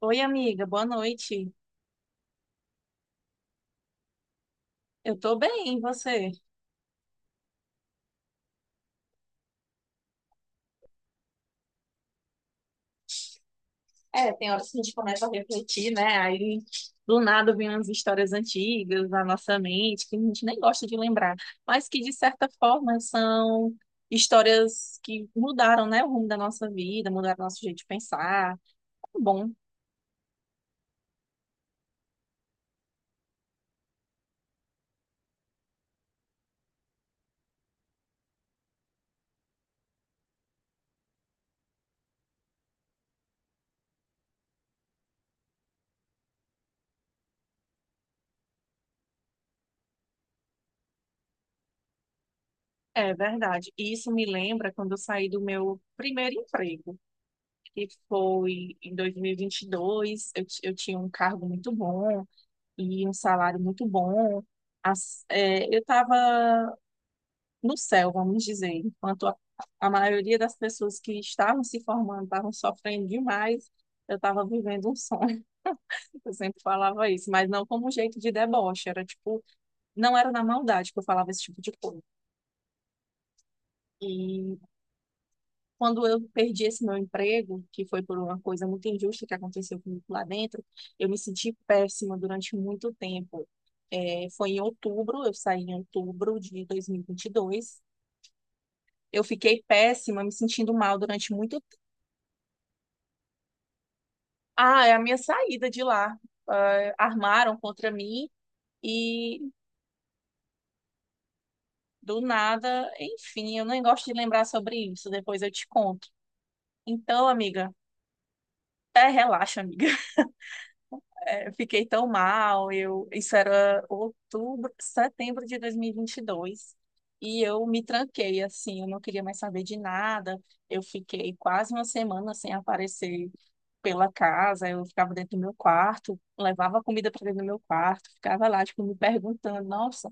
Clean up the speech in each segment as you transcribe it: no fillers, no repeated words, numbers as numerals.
Oi, amiga, boa noite. Eu tô bem, e você? É, tem horas que a gente começa a refletir, né? Aí do nada vem umas histórias antigas na nossa mente que a gente nem gosta de lembrar, mas que de certa forma são histórias que mudaram, né, o rumo da nossa vida, mudaram nosso jeito de pensar. Bom, é verdade. E isso me lembra quando eu saí do meu primeiro emprego, que foi em 2022. Eu tinha um cargo muito bom, e um salário muito bom. Eu estava no céu, vamos dizer, enquanto a maioria das pessoas que estavam se formando estavam sofrendo demais, eu estava vivendo um sonho. Eu sempre falava isso, mas não como um jeito de deboche, era tipo, não era na maldade que eu falava esse tipo de coisa. E Quando eu perdi esse meu emprego, que foi por uma coisa muito injusta que aconteceu comigo lá dentro, eu me senti péssima durante muito tempo. É, foi em outubro, eu saí em outubro de 2022. Eu fiquei péssima, me sentindo mal durante muito tempo. Ah, é a minha saída de lá. Ah, armaram contra mim e do nada, enfim, eu nem gosto de lembrar sobre isso, depois eu te conto. Então, amiga, até relaxa, amiga. Eu fiquei tão mal, eu, isso era outubro, setembro de 2022, e vinte e dois, e eu me tranquei, assim, eu não queria mais saber de nada, eu fiquei quase uma semana sem aparecer pela casa, eu ficava dentro do meu quarto, levava comida para dentro do meu quarto, ficava lá, tipo, me perguntando, nossa,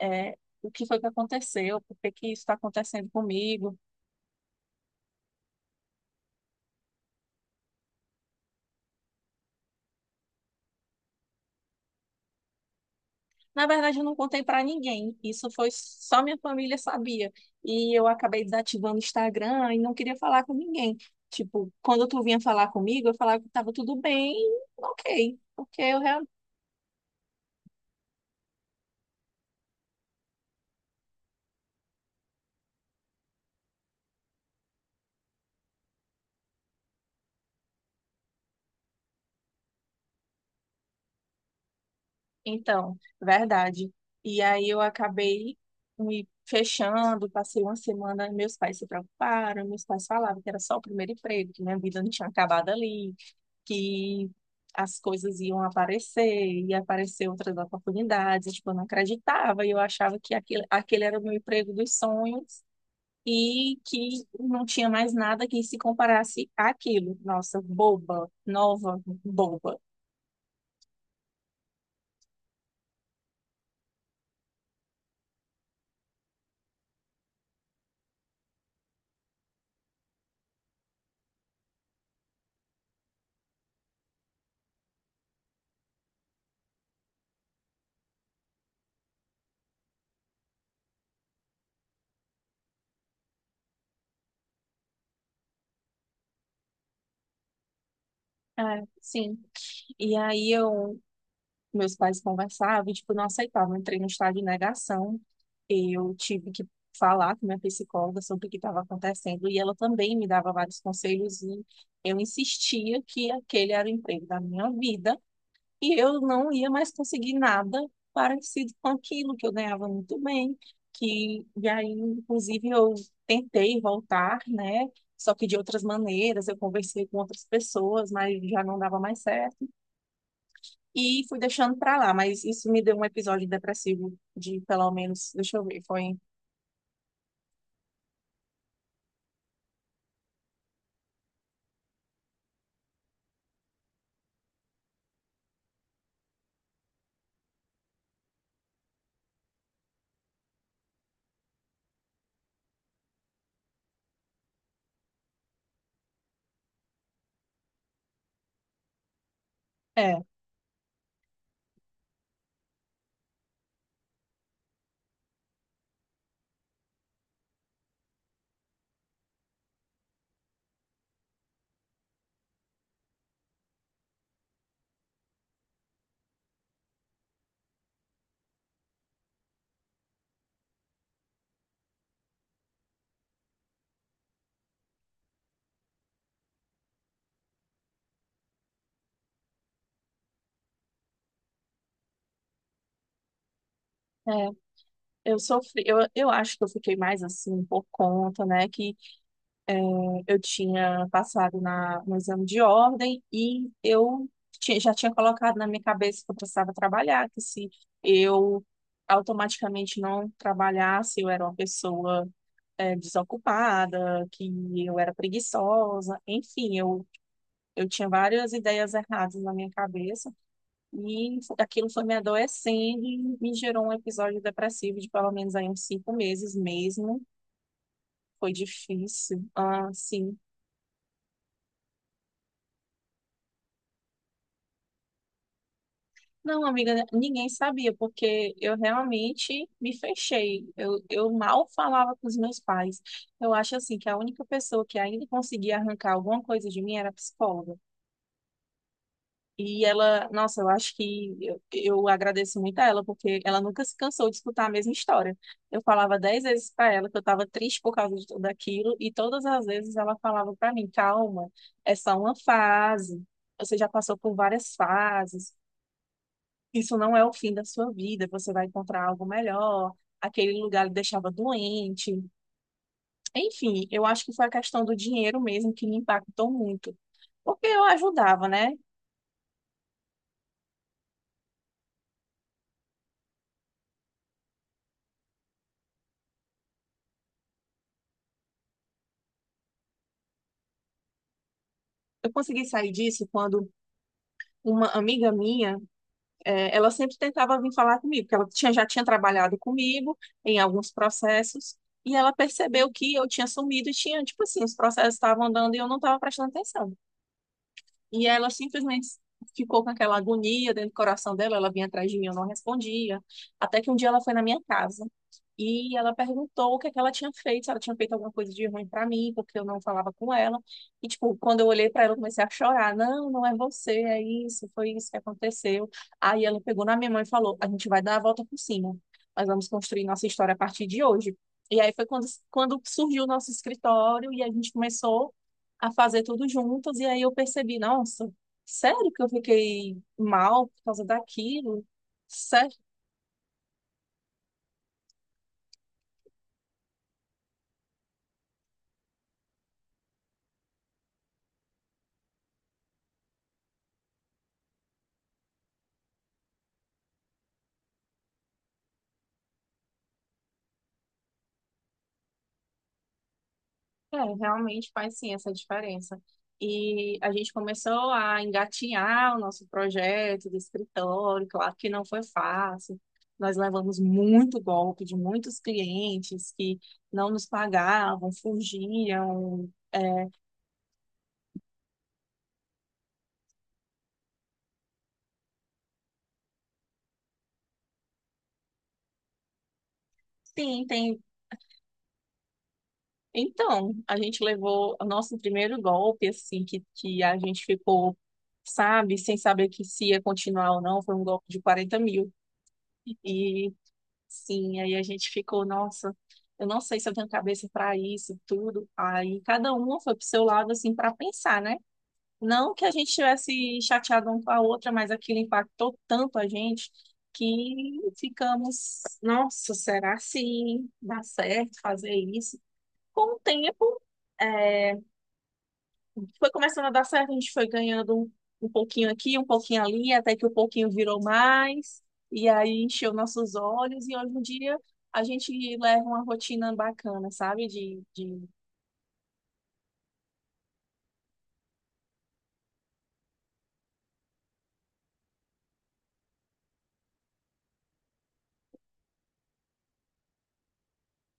é, o que foi que aconteceu, por que que isso está acontecendo comigo. Na verdade, eu não contei para ninguém. Isso foi só minha família sabia. E eu acabei desativando o Instagram e não queria falar com ninguém. Tipo, quando tu vinha falar comigo, eu falava que tava tudo bem, ok, porque eu realmente. Então, verdade. E aí eu acabei me fechando, passei uma semana, meus pais se preocuparam, meus pais falavam que era só o primeiro emprego, que minha vida não tinha acabado ali, que as coisas iam aparecer, ia aparecer outras oportunidades, tipo, eu não acreditava, e eu achava que aquele era o meu emprego dos sonhos e que não tinha mais nada que se comparasse àquilo. Nossa, boba, nova, boba. É, sim. E aí eu Meus pais conversavam e, tipo, não aceitavam. Eu entrei no estado de negação. Eu tive que falar com minha psicóloga sobre o que estava acontecendo e ela também me dava vários conselhos e eu insistia que aquele era o emprego da minha vida e eu não ia mais conseguir nada parecido com aquilo que eu ganhava muito bem, que e aí, inclusive, eu tentei voltar, né? Só que de outras maneiras, eu conversei com outras pessoas, mas já não dava mais certo. E fui deixando pra lá, mas isso me deu um episódio depressivo de pelo menos, deixa eu ver, foi. É, é, eu sofri, eu acho que eu fiquei mais assim por conta, né, que eu tinha passado no exame de ordem e eu já tinha colocado na minha cabeça que eu precisava trabalhar, que se eu automaticamente não trabalhasse, eu era uma pessoa desocupada, que eu era preguiçosa, enfim, eu tinha várias ideias erradas na minha cabeça. E aquilo foi me adoecendo e me gerou um episódio depressivo de pelo menos aí uns 5 meses mesmo. Foi difícil. Ah, sim. Não, amiga, ninguém sabia, porque eu realmente me fechei. Eu mal falava com os meus pais. Eu acho assim que a única pessoa que ainda conseguia arrancar alguma coisa de mim era a psicóloga. E ela, nossa, eu acho que eu agradeço muito a ela, porque ela nunca se cansou de escutar a mesma história. Eu falava 10 vezes para ela que eu estava triste por causa de tudo aquilo, e todas as vezes ela falava para mim: calma, é só uma fase, você já passou por várias fases, isso não é o fim da sua vida, você vai encontrar algo melhor. Aquele lugar lhe deixava doente. Enfim, eu acho que foi a questão do dinheiro mesmo que me impactou muito, porque eu ajudava, né? Eu consegui sair disso quando uma amiga minha, ela sempre tentava vir falar comigo, porque ela já tinha trabalhado comigo em alguns processos, e ela percebeu que eu tinha sumido e tinha, tipo assim, os processos estavam andando e eu não estava prestando atenção. E ela simplesmente ficou com aquela agonia dentro do coração dela, ela vinha atrás de mim, eu não respondia. Até que um dia ela foi na minha casa e ela perguntou o que é que ela tinha feito, se ela tinha feito alguma coisa de ruim pra mim, porque eu não falava com ela. E, tipo, quando eu olhei pra ela, eu comecei a chorar. Não, não é você, é isso, foi isso que aconteceu. Aí ela pegou na minha mão e falou: a gente vai dar a volta por cima, nós vamos construir nossa história a partir de hoje. E aí foi quando surgiu o nosso escritório e a gente começou a fazer tudo juntos, e aí eu percebi, nossa, sério que eu fiquei mal por causa daquilo? Sério? É, realmente faz sim essa diferença. E a gente começou a engatinhar o nosso projeto do escritório, claro que não foi fácil. Nós levamos muito golpe de muitos clientes que não nos pagavam, fugiam. É, Sim, tem Então, a gente levou o nosso primeiro golpe, assim, que a gente ficou, sabe, sem saber que se ia continuar ou não, foi um golpe de 40 mil. E, sim, aí a gente ficou, nossa, eu não sei se eu tenho cabeça para isso, tudo. Aí cada uma foi pro seu lado, assim, para pensar, né? Não que a gente tivesse chateado um com a outra, mas aquilo impactou tanto a gente que ficamos, nossa, será que dá certo fazer isso? Com o tempo, é, foi começando a dar certo, a gente foi ganhando um, um pouquinho aqui, um pouquinho ali, até que o pouquinho virou mais, e aí encheu nossos olhos, e hoje em dia a gente leva uma rotina bacana, sabe? De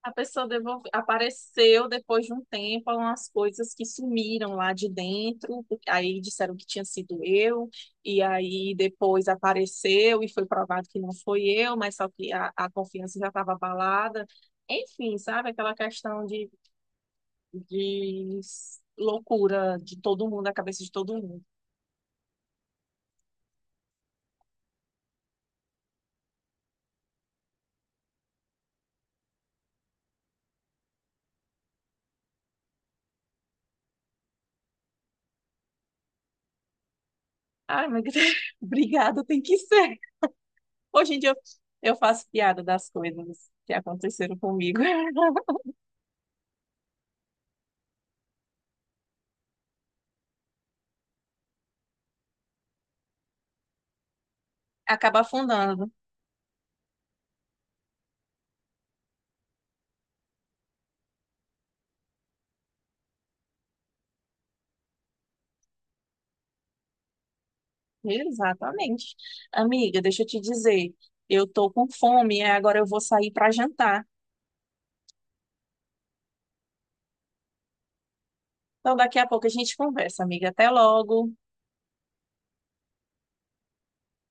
A pessoa apareceu depois de um tempo umas coisas que sumiram lá de dentro, porque aí disseram que tinha sido eu, e aí depois apareceu e foi provado que não foi eu, mas só que a confiança já estava abalada. Enfim, sabe? Aquela questão de loucura de todo mundo, a cabeça de todo mundo. Ai, mas obrigada, tem que ser. Hoje em dia eu faço piada das coisas que aconteceram comigo. Acaba afundando. Exatamente. Amiga, deixa eu te dizer, eu tô com fome, é, agora eu vou sair para jantar. Então daqui a pouco a gente conversa, amiga. Até logo.